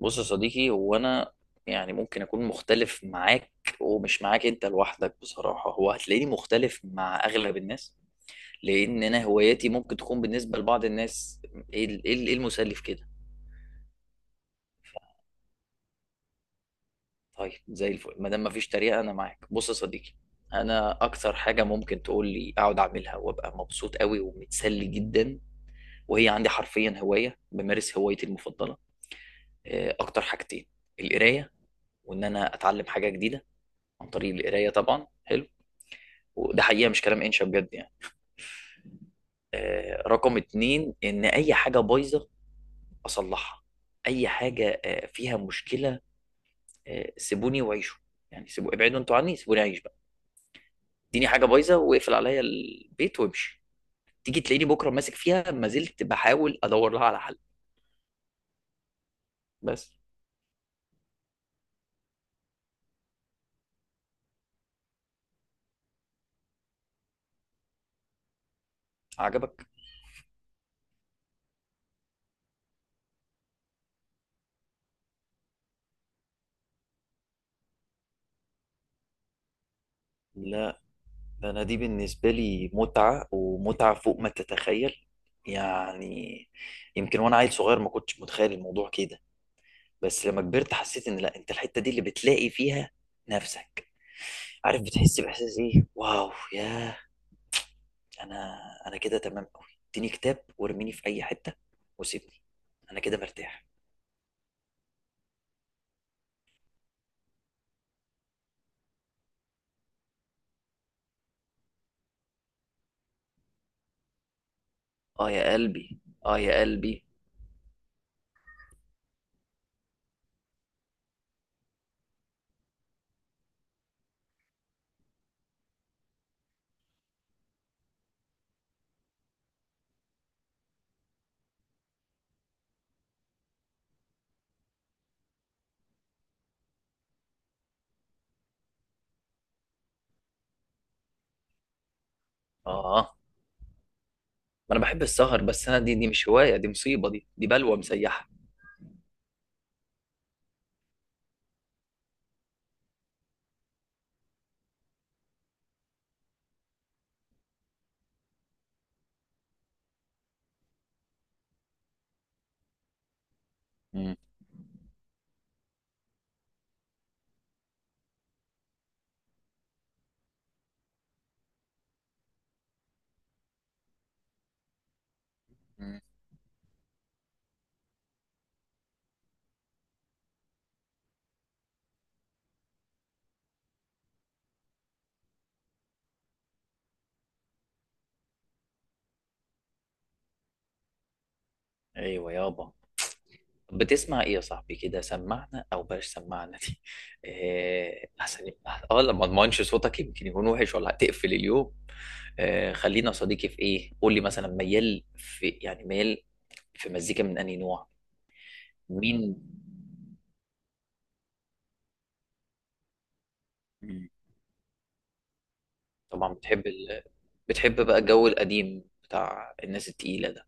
بص يا صديقي، هو انا يعني ممكن اكون مختلف معاك، ومش معاك انت لوحدك. بصراحه هو هتلاقيني مختلف مع اغلب الناس، لان انا هواياتي ممكن تكون بالنسبه لبعض الناس ايه ال- إيه ال- إيه المسلي في كده. طيب زي الفل ما دام مفيش تريقه انا معاك. بص يا صديقي، انا اكتر حاجه ممكن تقول لي اقعد اعملها وابقى مبسوط قوي ومتسلي جدا، وهي عندي حرفيا هوايه، بمارس هوايتي المفضله. اكتر حاجتين: القرايه، وان انا اتعلم حاجه جديده عن طريق القرايه طبعا. حلو، وده حقيقه مش كلام انشا، بجد يعني. رقم اتنين ان اي حاجه بايظه اصلحها، اي حاجه فيها مشكله. سيبوني وعيشوا، يعني سيبوا ابعدوا انتوا عني، سيبوني اعيش بقى. اديني حاجه بايظه واقفل عليا البيت وامشي، تيجي تلاقيني بكره ماسك فيها ما زلت بحاول ادور لها على حل. بس. عجبك؟ لا، ده انا دي بالنسبه لي متعه، ومتعه فوق ما تتخيل يعني. يمكن وانا عيل صغير ما كنتش متخيل الموضوع كده، بس لما كبرت حسيت ان لا، انت الحته دي اللي بتلاقي فيها نفسك. عارف؟ بتحس باحساس ايه، واو، ياه. انا، انا كده تمام قوي. اديني كتاب وارميني في اي حته وسيبني، انا كده مرتاح. اه يا قلبي. اه يا قلبي. اه. ما انا بحب السهر، بس انا دي مش هوايه، دي مصيبه، دي بلوه مسيحه. مم. مم. ايوه يابا. بتسمع ايه يا صاحبي كده؟ سمعنا، او بلاش سمعنا دي. احسن. اه، لما اضمنش صوتك يمكن يكون وحش ولا هتقفل اليوم. خلينا يا صديقي في ايه. قول لي مثلا ميال في إيه؟ يعني ميال في مزيكا من انهي نوع؟ مين؟ مم. طبعا بتحب ال... بتحب بقى الجو القديم بتاع الناس التقيلة ده؟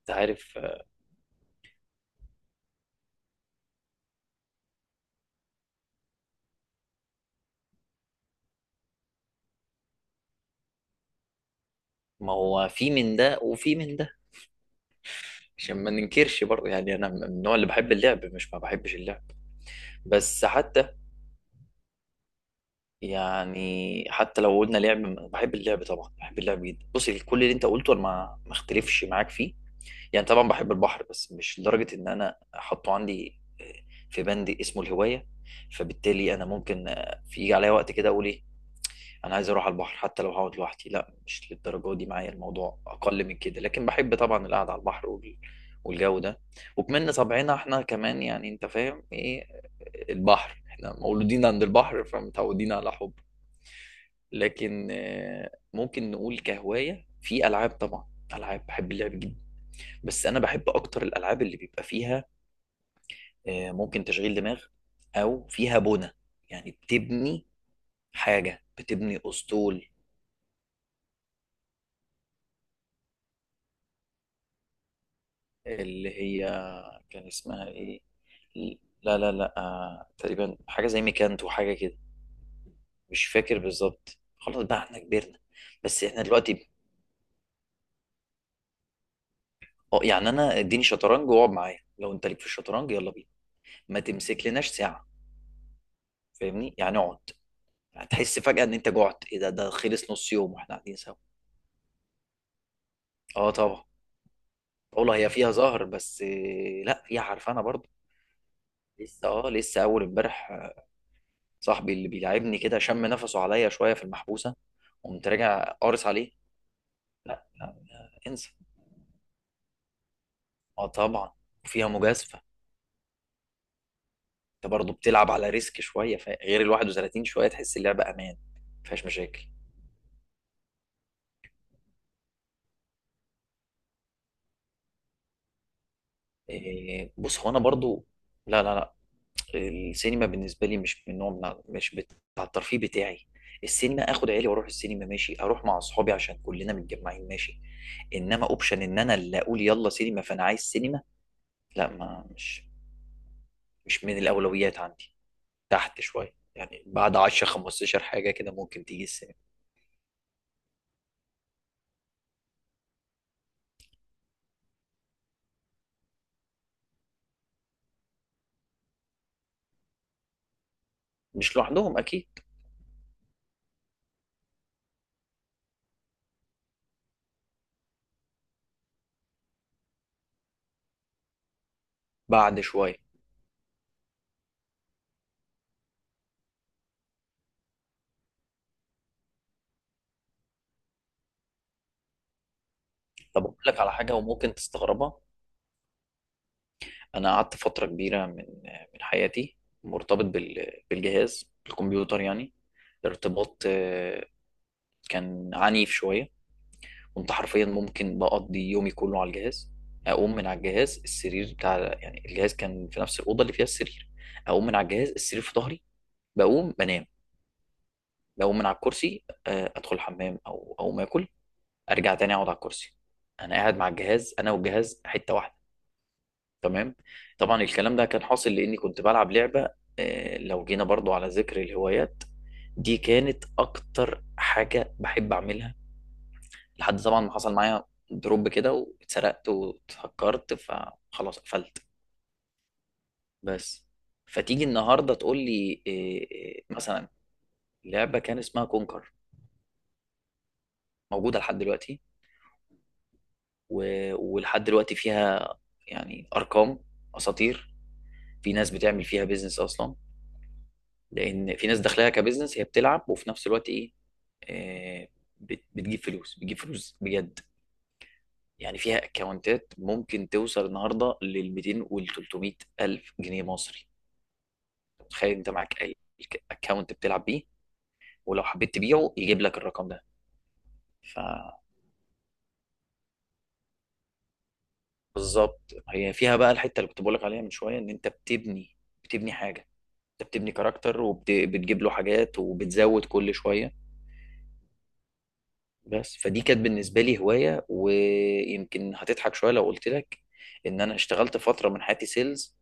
انت عارف ما هو في من ده وفي من ده، عشان ما ننكرش برضه. يعني انا من النوع اللي بحب اللعب، مش ما بحبش اللعب. بس حتى يعني حتى لو قلنا لعب، بحب اللعب طبعا، بحب اللعب جدا. بصي، كل اللي انت قلته انا ما اختلفش معاك فيه. يعني طبعا بحب البحر، بس مش لدرجه ان انا احطه عندي في بند اسمه الهوايه. فبالتالي انا ممكن في يجي عليا وقت كده اقول ايه، انا عايز اروح على البحر، حتى لو هقعد لوحدي. لا، مش للدرجه دي معايا الموضوع، اقل من كده، لكن بحب طبعا القعده على البحر والجو ده. وكمان طبعنا احنا كمان، يعني انت فاهم ايه، البحر، احنا مولودين عند البحر فمتعودين على حب. لكن ممكن نقول كهواية، في ألعاب طبعا. ألعاب بحب اللعب جدا، بس أنا بحب أكتر الألعاب اللي بيبقى فيها ممكن تشغيل دماغ، أو فيها بنى، يعني بتبني حاجة، بتبني أسطول. اللي هي، كان اسمها إيه؟ لا لا لا، تقريبا حاجة زي ميكانتو وحاجة كده. مش فاكر بالظبط، خلاص بقى احنا كبرنا. بس احنا دلوقتي، اه يعني انا اديني شطرنج واقعد معايا، لو انت ليك في الشطرنج يلا بينا. ما تمسك لناش ساعة. فاهمني؟ يعني اقعد، هتحس فجأة ان انت جعت، ايه ده، ده خلص نص يوم واحنا قاعدين سوا. اه طبعا. اولا هي فيها زهر، بس لا، فيها عرفانة برضه. لسه، اه لسه اول امبارح صاحبي اللي بيلعبني كده شم نفسه عليا شوية في المحبوسة، قمت راجع قارص عليه. لا لا لا، انسى. اه طبعا، وفيها مجازفة. انت برضه بتلعب على ريسك شوية. غير ال 31، شوية تحس اللعبة امان مفيهاش مشاكل. بص هو انا برضه، لا لا، السينما بالنسبه لي مش من نوع، مش بتاع الترفيه بتاعي. السينما اخد عيالي واروح السينما ماشي، اروح مع اصحابي عشان كلنا متجمعين ماشي، انما اوبشن ان انا اللي اقول يلا سينما فانا عايز سينما، لا ما مش، مش من الاولويات عندي، تحت شويه. يعني بعد 10 15 حاجه كده ممكن تيجي السينما. مش لوحدهم اكيد. بعد شويه. طب اقول لك على حاجه وممكن تستغربها. انا قعدت فتره كبيره من حياتي مرتبط بالجهاز الكمبيوتر يعني، ارتباط كان عنيف شوية. كنت حرفيا ممكن بقضي يومي كله على الجهاز، أقوم من على الجهاز السرير بتاع، يعني الجهاز كان في نفس الأوضة اللي فيها السرير. أقوم من على الجهاز السرير في ظهري، بقوم بنام. بقوم من على الكرسي أدخل الحمام أو أقوم آكل، أرجع تاني أقعد على الكرسي. أنا قاعد مع الجهاز، أنا والجهاز حتة واحدة، تمام. طبعا الكلام ده كان حاصل لأني كنت بلعب لعبة. لو جينا برضو على ذكر الهوايات، دي كانت أكتر حاجة بحب أعملها، لحد طبعا ما حصل معايا دروب كده، واتسرقت واتهكرت فخلاص قفلت. بس. فتيجي النهارده تقول لي إيه؟ مثلا لعبه كان اسمها كونكر، موجوده لحد دلوقتي. ولحد دلوقتي فيها يعني ارقام اساطير. في ناس بتعمل فيها بيزنس اصلا، لان في ناس داخلها كبيزنس، هي بتلعب وفي نفس الوقت ايه، إيه، بتجيب فلوس، بتجيب فلوس بجد. يعني فيها اكونتات ممكن توصل النهارده لل 200 وال 300 الف جنيه مصري. تخيل انت معاك اي اكونت بتلعب بيه، ولو حبيت تبيعه يجيب لك الرقم ده. فبالظبط هي فيها بقى الحته اللي كنت بقول لك عليها من شويه، ان انت بتبني، بتبني حاجه. انت بتبني كاركتر وبتجيب له حاجات وبتزود كل شويه. بس فدي كانت بالنسبه لي هوايه. ويمكن هتضحك شويه لو قلت لك ان انا اشتغلت فتره من حياتي سيلز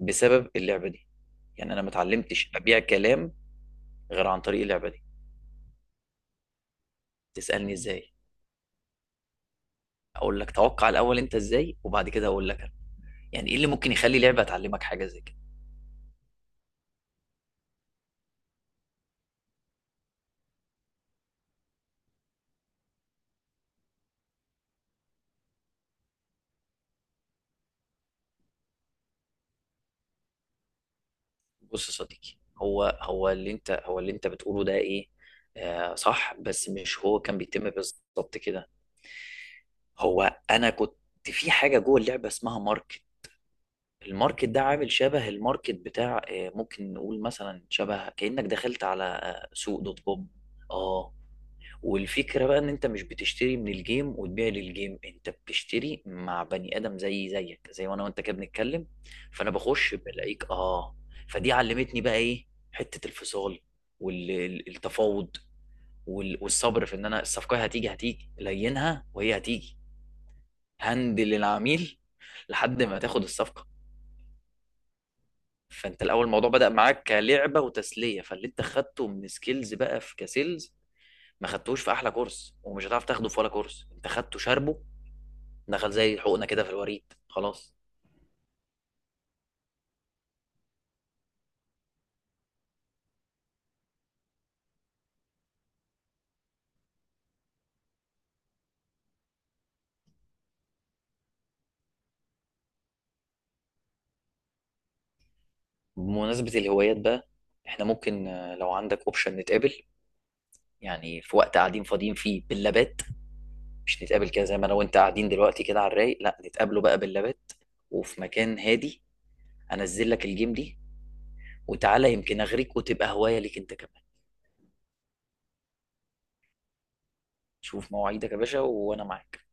بسبب اللعبه دي. يعني انا ما اتعلمتش ابيع كلام غير عن طريق اللعبه دي. تسالني ازاي؟ اقول لك، توقع الاول انت ازاي، وبعد كده اقول لك يعني ايه اللي ممكن يخلي لعبه تعلمك حاجه زي كده. بص يا صديقي، هو اللي انت بتقوله ده ايه، آه صح، بس مش هو كان بيتم بالظبط كده. هو انا كنت في حاجه جوه اللعبه اسمها ماركت. الماركت ده عامل شبه الماركت بتاع ممكن نقول مثلا شبه كانك دخلت على سوق دوت كوم. اه. والفكرة بقى ان انت مش بتشتري من الجيم وتبيع للجيم، انت بتشتري مع بني ادم زي زيك، زي وانا وانت كده بنتكلم. فانا بخش بلاقيك، اه. فدي علمتني بقى ايه، حتة الفصال والتفاوض والصبر في ان انا الصفقة هتيجي لينها وهي هتيجي. هندل العميل لحد ما تاخد الصفقة. فانت الاول الموضوع بدأ معاك كلعبة وتسلية، فاللي انت خدته من سكيلز بقى في كسيلز ما خدتوش في احلى كورس، ومش هتعرف تاخده في ولا كورس، انت خدته شاربه، دخل زي حقنة كده في الوريد، خلاص. بمناسبة الهوايات بقى، احنا ممكن لو عندك اوبشن نتقابل، يعني في وقت قاعدين فاضيين فيه باللابات. مش نتقابل كده زي ما انا وانت قاعدين دلوقتي كده على الرايق، لا نتقابله بقى باللابات وفي مكان هادي، انزل لك الجيم دي، وتعالى يمكن اغريك وتبقى هواية ليك انت كمان. شوف مواعيدك يا باشا وانا معاك.